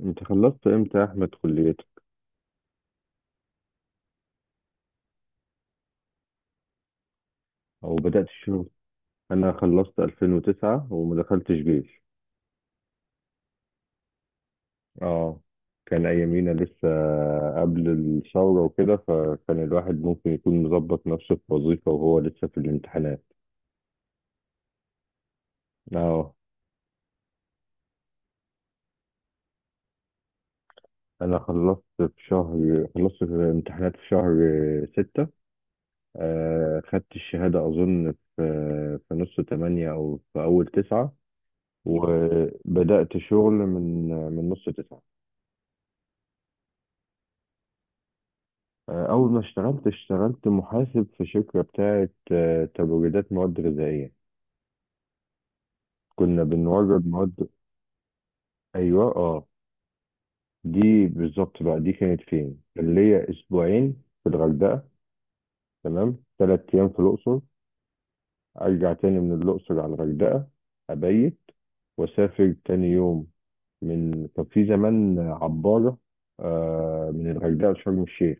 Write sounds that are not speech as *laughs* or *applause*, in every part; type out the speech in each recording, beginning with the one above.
انت خلصت امتى يا احمد، كليتك او بدأت الشغل؟ انا خلصت 2009 وما دخلتش جيش. اه، كان ايامينا لسه قبل الثورة وكده، فكان الواحد ممكن يكون مظبط نفسه في وظيفة وهو لسه في الامتحانات. اه. انا خلصت في الامتحانات في شهر ستة. خدت الشهادة اظن في نص تمانية او في اول تسعة. وبدأت شغل من نص تسعة. أول ما اشتغلت، اشتغلت محاسب في شركة بتاعة تبريدات مواد غذائية. كنا بنورد مواد. أيوة، اه. دي بالظبط بقى، دي كانت فين؟ كان ليا أسبوعين في الغردقة، تمام، تلات أيام في الأقصر، أرجع تاني من الأقصر على الغردقة، أبيت، وأسافر تاني يوم. كان في زمان عبارة، من الغردقة لشرم الشيخ.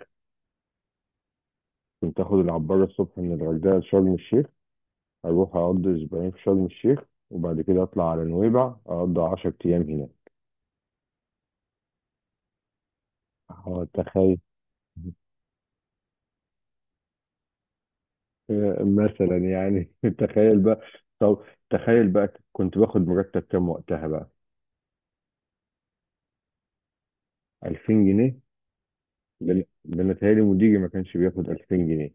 كنت آخد العبارة الصبح من الغردقة لشرم الشيخ، هروح أقضي أسبوعين في شرم الشيخ، وبعد كده أطلع على نويبع أقضي 10 أيام هناك. تخيل. *laughs* مثلا يعني *laughs* تخيل بقى. طب، تخيل بقى كنت باخد مرتب كام وقتها بقى؟ 2000 جنيه؟ ده أنا متهيألي مديري ما كانش بياخد 2000 جنيه.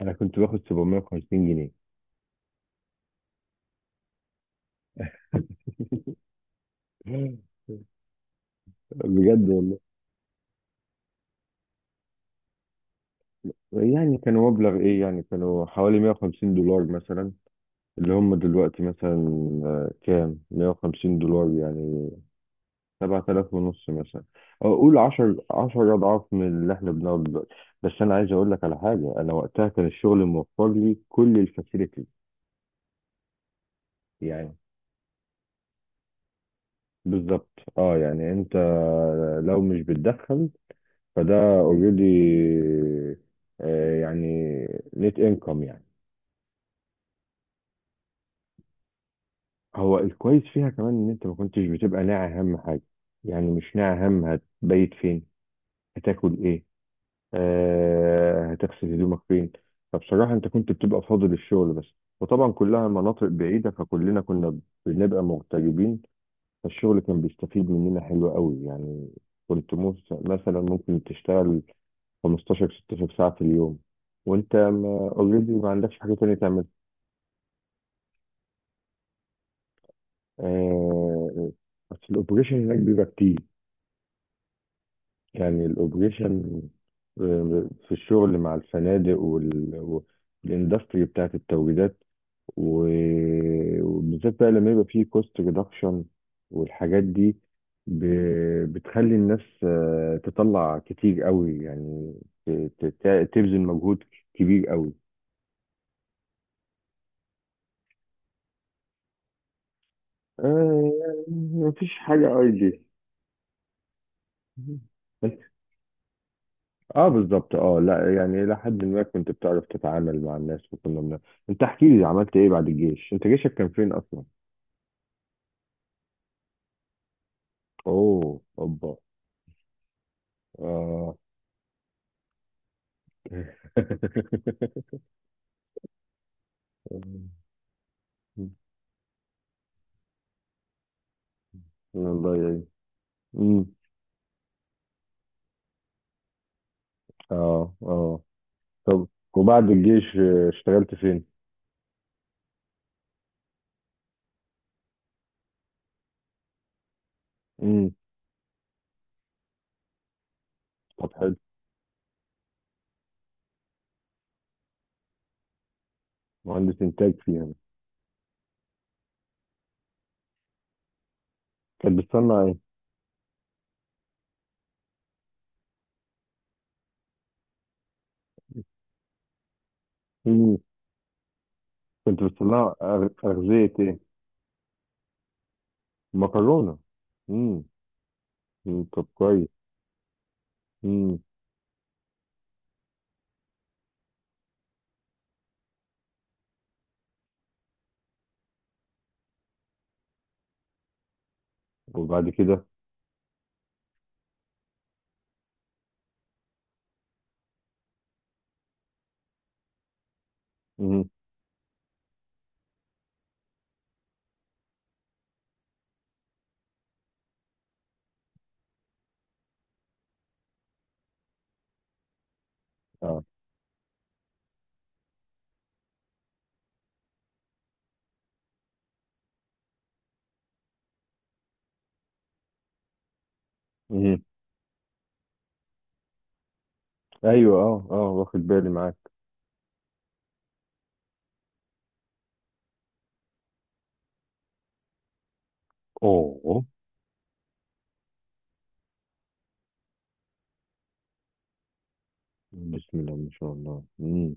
أنا كنت باخد 750 جنيه. *laughs* بجد والله. يعني كانوا مبلغ إيه؟ يعني كانوا حوالي 150 دولار مثلا. اللي هم دلوقتي مثلا، كام 150 دولار يعني؟ 7000 ونص مثلا. أو قول 10 10 اضعاف من اللي احنا بناخده دلوقتي. بس انا عايز اقول لك على حاجه، انا وقتها كان الشغل موفر لي كل الفاسيلتي. يعني بالظبط. اه يعني انت لو مش بتدخل، فده اوريدي، يعني نت انكم يعني. هو الكويس فيها كمان ان انت ما كنتش بتبقى ناعي اهم حاجه، يعني مش ناعي اهم هتبيت فين، هتاكل ايه، هتغسل هدومك فين. فبصراحة انت كنت بتبقى فاضي للشغل بس. وطبعا كلها مناطق بعيدة فكلنا كنا بنبقى مغتربين. فالشغل كان بيستفيد مننا حلو قوي يعني. مثلا ممكن تشتغل 15 16 ساعة في اليوم، وانت اوريدي ما already ما عندكش حاجة تانية تعملها. آه، بس الاوبريشن هناك بيبقى كتير، يعني الاوبريشن في الشغل مع الفنادق والاندستري بتاعت التوريدات، وبالذات بقى لما يبقى فيه كوست ريدكشن والحاجات دي، ب... بتخلي الناس تطلع كتير قوي، يعني تبذل مجهود كبير قوي. آه يعني مفيش حاجة ايدي. *laughs* اه بالظبط. اه، لا، يعني الى حد ما كنت بتعرف تتعامل مع الناس، انت احكي لي، عملت ايه بعد الجيش؟ انت جيشك كان فين اصلا؟ اوه، اوبا. اه. *laughs* الله. امم. اه، اه. طب وبعد الجيش اشتغلت فين؟ امم. طب حلو. مهندس انتاج فيها. كانت بتصنع ايه؟ امم. كنت بتصنع اغذية ايه؟ مكرونة. امم. أمم، طب كويس. امم. وبعد كده؟ امم. اه. امم. ايوه، اه، اه، واخد بالي معاك. اوه. بسم الله ما شاء الله. امم.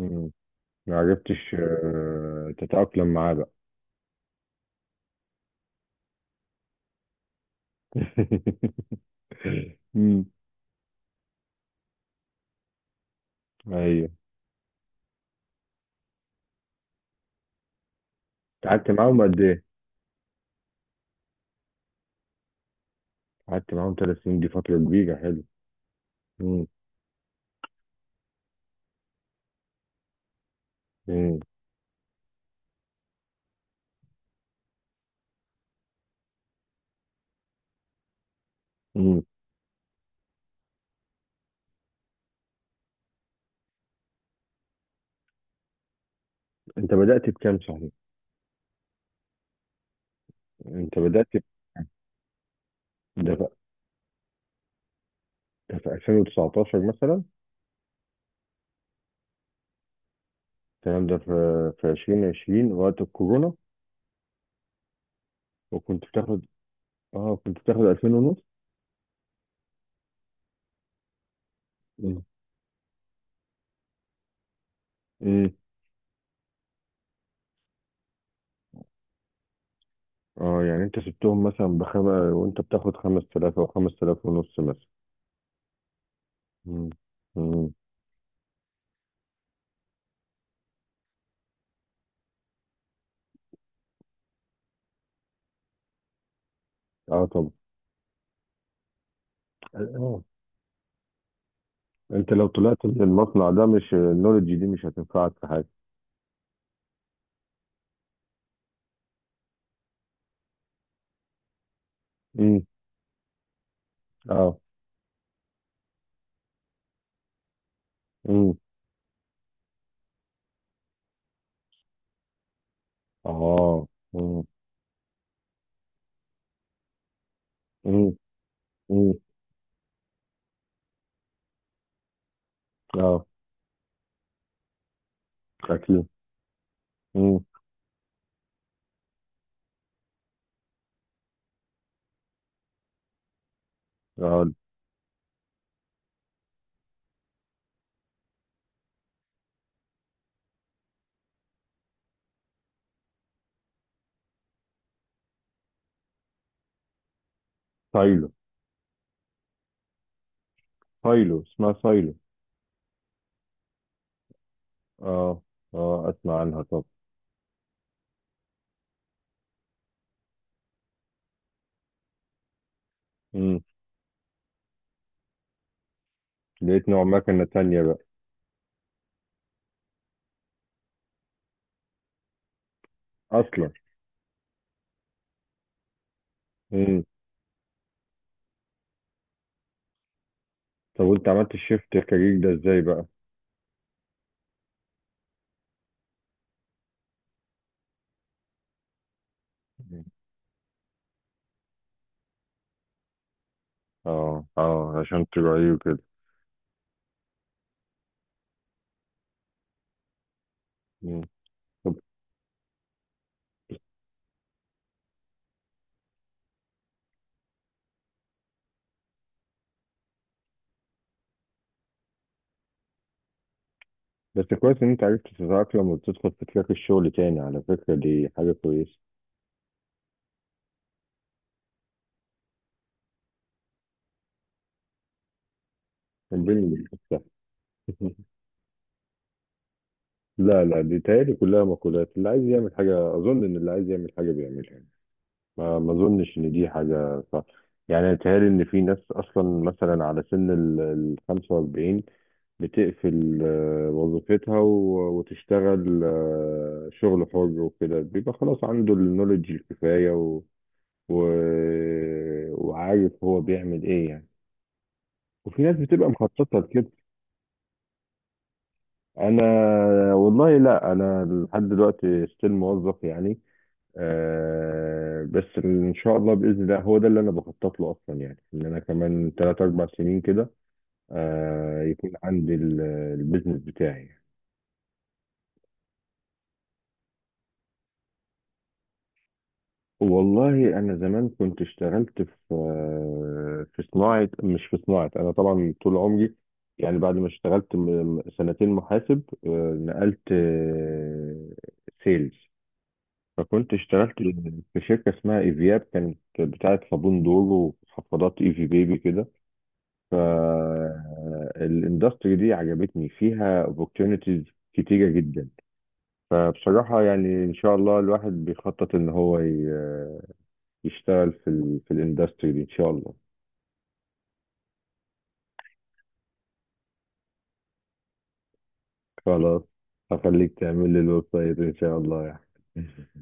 أمم. ما عرفتش تتأقلم معاه بقى. *laughs* امم. ايوه. قعدت معاهم قد ايه؟ قعدت معاهم ثلاث سنين؟ دي فترة كبيرة، حلو. مم. مم. مم. انت بدأت بكام صحيح؟ انت بدأت ب- ده في ده في 2019 مثلا؟ الكلام ده في 2020 وقت الكورونا؟ وكنت بتاخد اه كنت بتاخد 2000 ونص. مم. مم. اه يعني انت سبتهم مثلا بخمسة وانت بتاخد 5000 او 5000 ونص مثلا. مم. مم. اه طبعا. اه. انت لو طلعت من المصنع ده، مش النولج دي مش هتنفعك في حاجة. مم. اه. مم. اه. مم. امم. امم، اه، اكيد. امم. اه. سايلو. سايلو، اسمها سايلو. اه، اه، اسمع عنها. طب. امم. لقيت نوع مكنة تانية بقى؟ اصلا. امم. طب وانت عملت الشيفت كارير ده ازاي بقى؟ مم. اه، اه، عشان تراعيه كده. مم. طب. بس كويس ان انت عرفت تتأقلم وتدخل في تراك الشغل تاني، على فكرة دي حاجة كويسة. الدنيا مش سهلة. *laughs* لا، لا، دي تهيألي كلها مقولات. اللي عايز يعمل حاجة، أظن إن اللي عايز يعمل حاجة بيعملها. ما اظنش ان دي حاجه صح. يعني بيتهيألي ان في ناس اصلا مثلا على سن ال 45، بتقفل وظيفتها، وتشتغل شغل حر وكده، بيبقى خلاص عنده النولج الكفاية و... وعارف هو بيعمل ايه يعني. وفي ناس بتبقى مخططة لكده. انا والله، لا، انا لحد دلوقتي ستيل موظف يعني. آه بس ان شاء الله، باذن الله، هو ده اللي انا بخطط له اصلا، يعني ان انا كمان 3 4 سنين كده يكون عندي البيزنس بتاعي. والله انا زمان كنت اشتغلت في في صناعه، مش في صناعه انا طبعا طول عمري، يعني بعد ما اشتغلت سنتين محاسب، نقلت سيلز. فكنت اشتغلت في شركه اسمها ايفياب، كانت بتاعه صابون دور وحفاضات ايفي بيبي كده. فالاندستري دي عجبتني فيها opportunities كتيرة جدا. فبصراحة يعني إن شاء الله الواحد بيخطط إن هو يشتغل في الاندستري دي إن شاء الله. خلاص، هخليك تعمل لي الويب سايت إن شاء الله يعني. *laughs*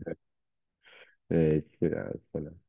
ماشي، يا سلام.